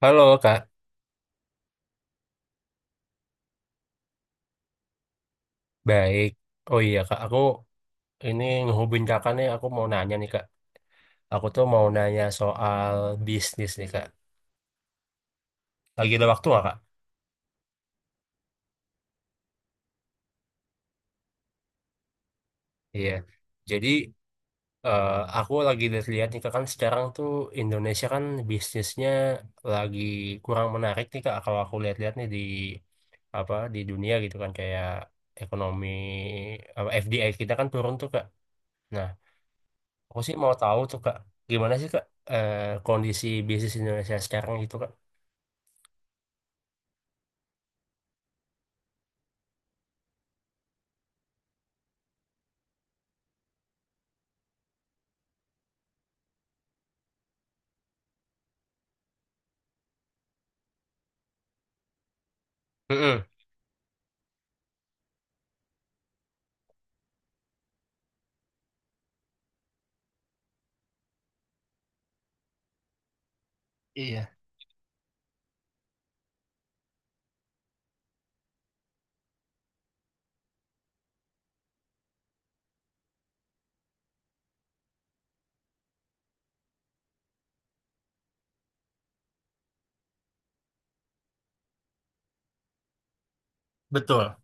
Halo Kak, baik. Oh iya Kak, aku ini ngehubungin Kakak nih, aku mau nanya nih Kak. Aku tuh mau nanya soal bisnis nih Kak. Lagi ada waktu nggak Kak? Iya. Jadi eh, aku lagi lihat nih Kak, kan sekarang tuh Indonesia kan bisnisnya lagi kurang menarik nih Kak. Kalau aku lihat-lihat nih di apa di dunia gitu kan kayak ekonomi apa, FDI kita kan turun tuh Kak. Nah, aku sih mau tahu tuh Kak, gimana sih Kak eh, kondisi bisnis Indonesia sekarang gitu Kak? Mm-mm. Iya, betul.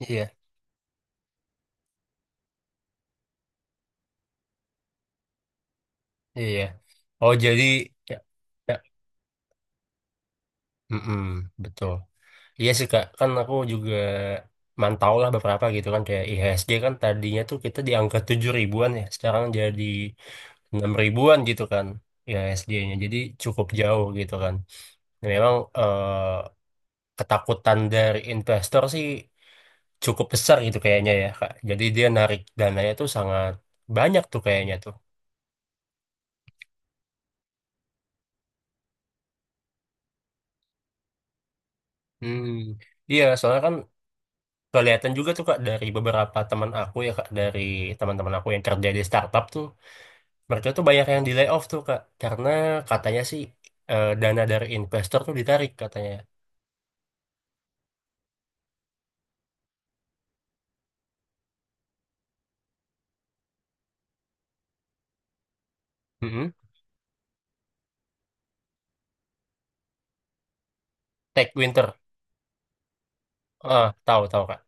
Iya, iya. Oh jadi ya, ya, mm-mm, betul. Iya sih Kak, kan aku juga mantau lah beberapa gitu kan kayak IHSG kan tadinya tuh kita di angka 7 ribuan ya, sekarang jadi 6 ribuan gitu kan IHSG-nya. Jadi cukup jauh gitu kan. Dan memang ketakutan dari investor sih cukup besar gitu kayaknya ya Kak. Jadi dia narik dananya tuh sangat banyak tuh kayaknya tuh. Hmm. Iya, soalnya kan kelihatan juga tuh kak dari beberapa teman aku ya kak dari teman-teman aku yang kerja di startup tuh mereka tuh banyak yang di layoff tuh kak karena katanya sih dana dari investor tuh ditarik katanya. Mm-mm. Tech Winter, ah tahu tahu kak.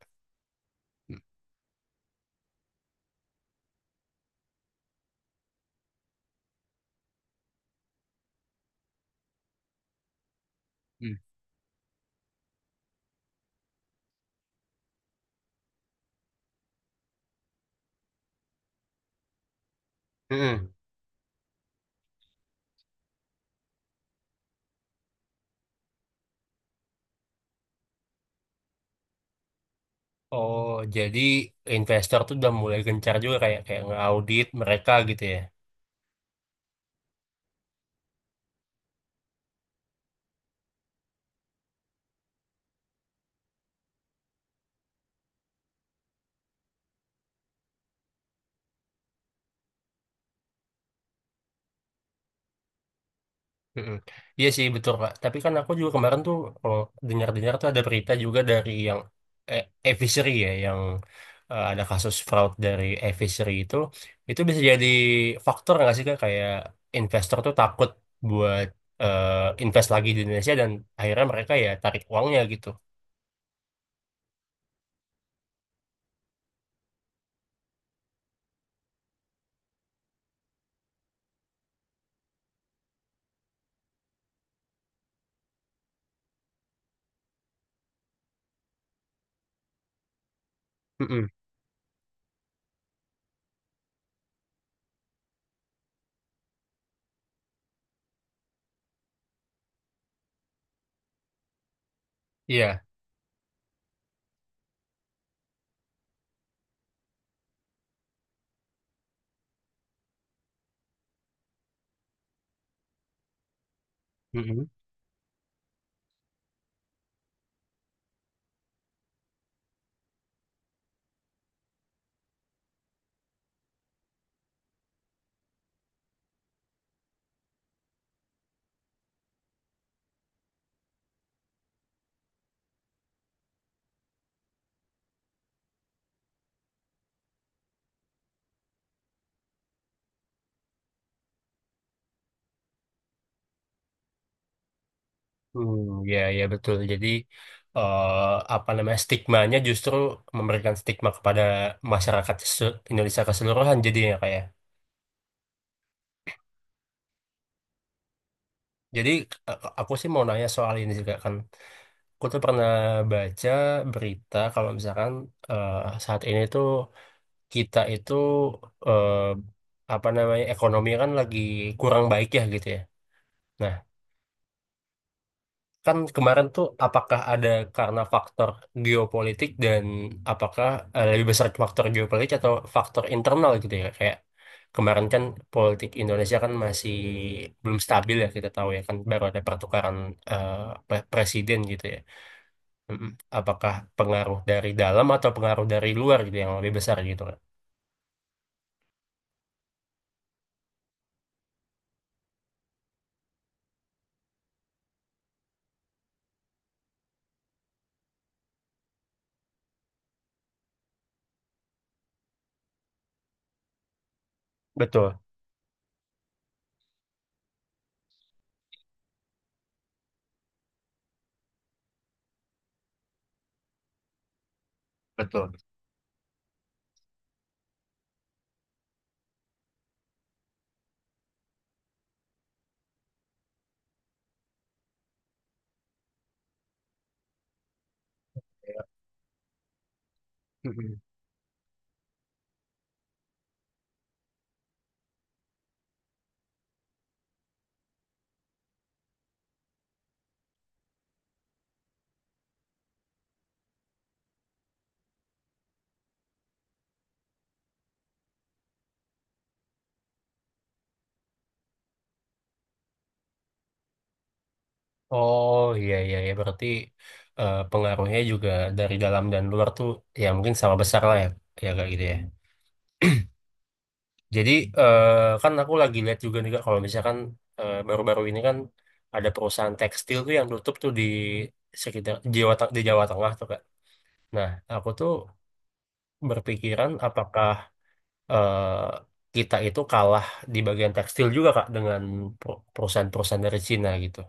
Hmm. Mm-mm. Oh jadi investor tuh udah mulai gencar juga kayak kayak ngaudit mereka gitu ya. Mm-mm. Iya sih betul Kak. Tapi kan aku juga kemarin tuh kalau dengar-dengar tuh ada berita juga dari yang eh, e-fishery ya, yang ada kasus fraud dari e-fishery itu bisa jadi faktor nggak sih Kak? Kayak investor tuh takut buat invest lagi di Indonesia dan akhirnya mereka ya tarik uangnya gitu. Mm-mm. Iya. Mm-mm. Hmm, ya, ya betul. Jadi eh, apa namanya stigmanya justru memberikan stigma kepada masyarakat Indonesia keseluruhan jadinya kayak. Jadi aku sih mau nanya soal ini juga kan. Aku tuh pernah baca berita kalau misalkan eh, saat ini tuh kita itu eh, apa namanya ekonomi kan lagi kurang baik ya gitu ya. Nah, kan kemarin tuh apakah ada karena faktor geopolitik dan apakah lebih besar faktor geopolitik atau faktor internal gitu ya kayak kemarin kan politik Indonesia kan masih belum stabil ya kita tahu ya kan baru ada pertukaran eh, presiden gitu ya. Mm-mm. Apakah pengaruh dari dalam atau pengaruh dari luar gitu yang lebih besar gitu kan? Betul, betul. Mm-mm. Oh iya iya ya berarti pengaruhnya juga dari dalam dan luar tuh ya mungkin sama besar lah ya ya kayak gitu ya. Jadi kan aku lagi lihat juga nih Kak, kalau misalkan baru-baru ini kan ada perusahaan tekstil tuh yang tutup tuh di sekitar di Jawa Tengah tuh Kak. Nah aku tuh berpikiran apakah eh, kita itu kalah di bagian tekstil juga Kak dengan perusahaan-perusahaan dari Cina gitu.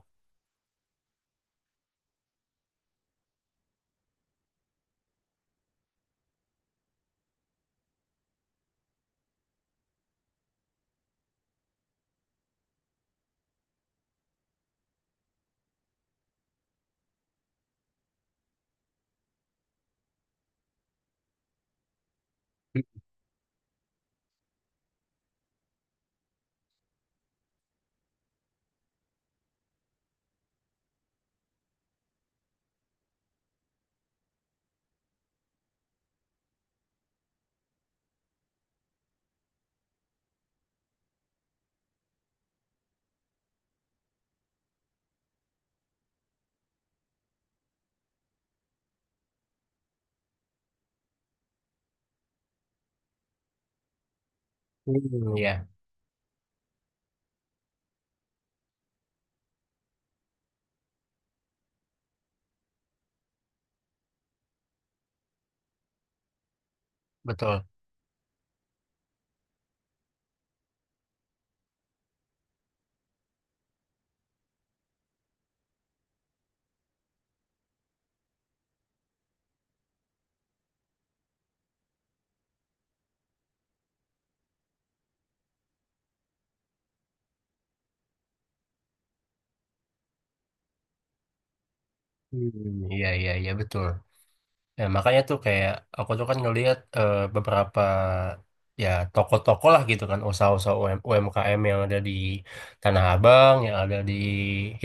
Hmm, ya, betul. Hmm, iya iya iya betul. Ya, makanya tuh kayak aku tuh kan ngelihat beberapa ya toko-toko lah gitu kan usaha-usaha UMKM yang ada di Tanah Abang, yang ada di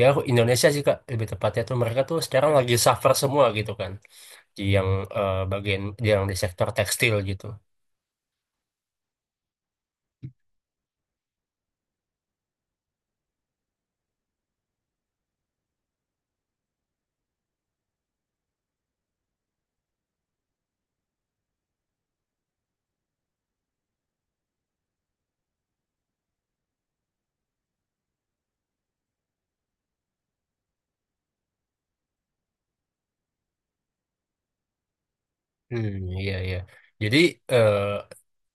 ya Indonesia sih Kak lebih tepatnya tuh mereka tuh sekarang lagi suffer semua gitu kan di yang bagian yang di sektor tekstil gitu. Hmm, iya iya. Jadi eh,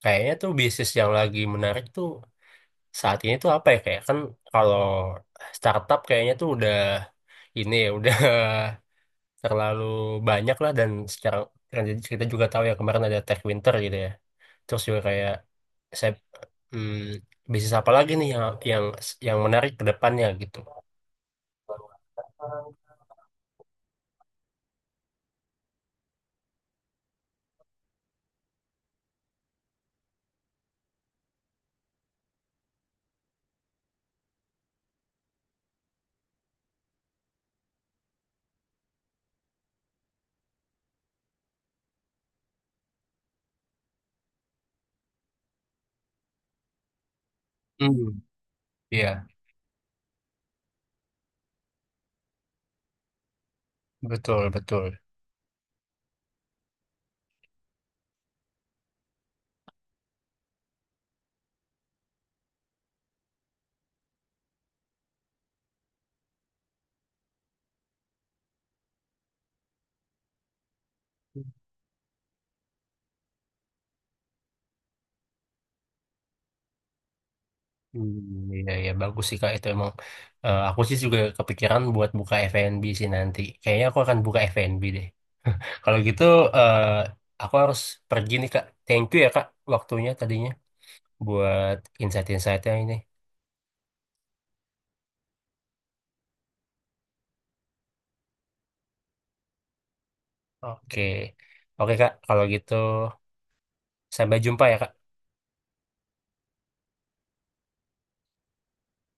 kayaknya tuh bisnis yang lagi menarik tuh saat ini tuh apa ya kayak kan kalau startup kayaknya tuh udah ini ya udah terlalu banyak lah dan sekarang kan jadi kita juga tahu ya kemarin ada Tech Winter gitu ya. Terus juga kayak saya hmm, bisnis apa lagi nih yang yang menarik ke depannya gitu. Hmm, iya betul betul. Hmm, Iya, iya bagus sih Kak itu emang. Aku sih juga kepikiran buat buka F&B sih nanti. Kayaknya aku akan buka F&B deh. Kalau gitu eh aku harus pergi nih Kak. Thank you ya Kak waktunya tadinya buat insight-insightnya ini. Oke. Oke Kak, kalau gitu sampai jumpa ya Kak.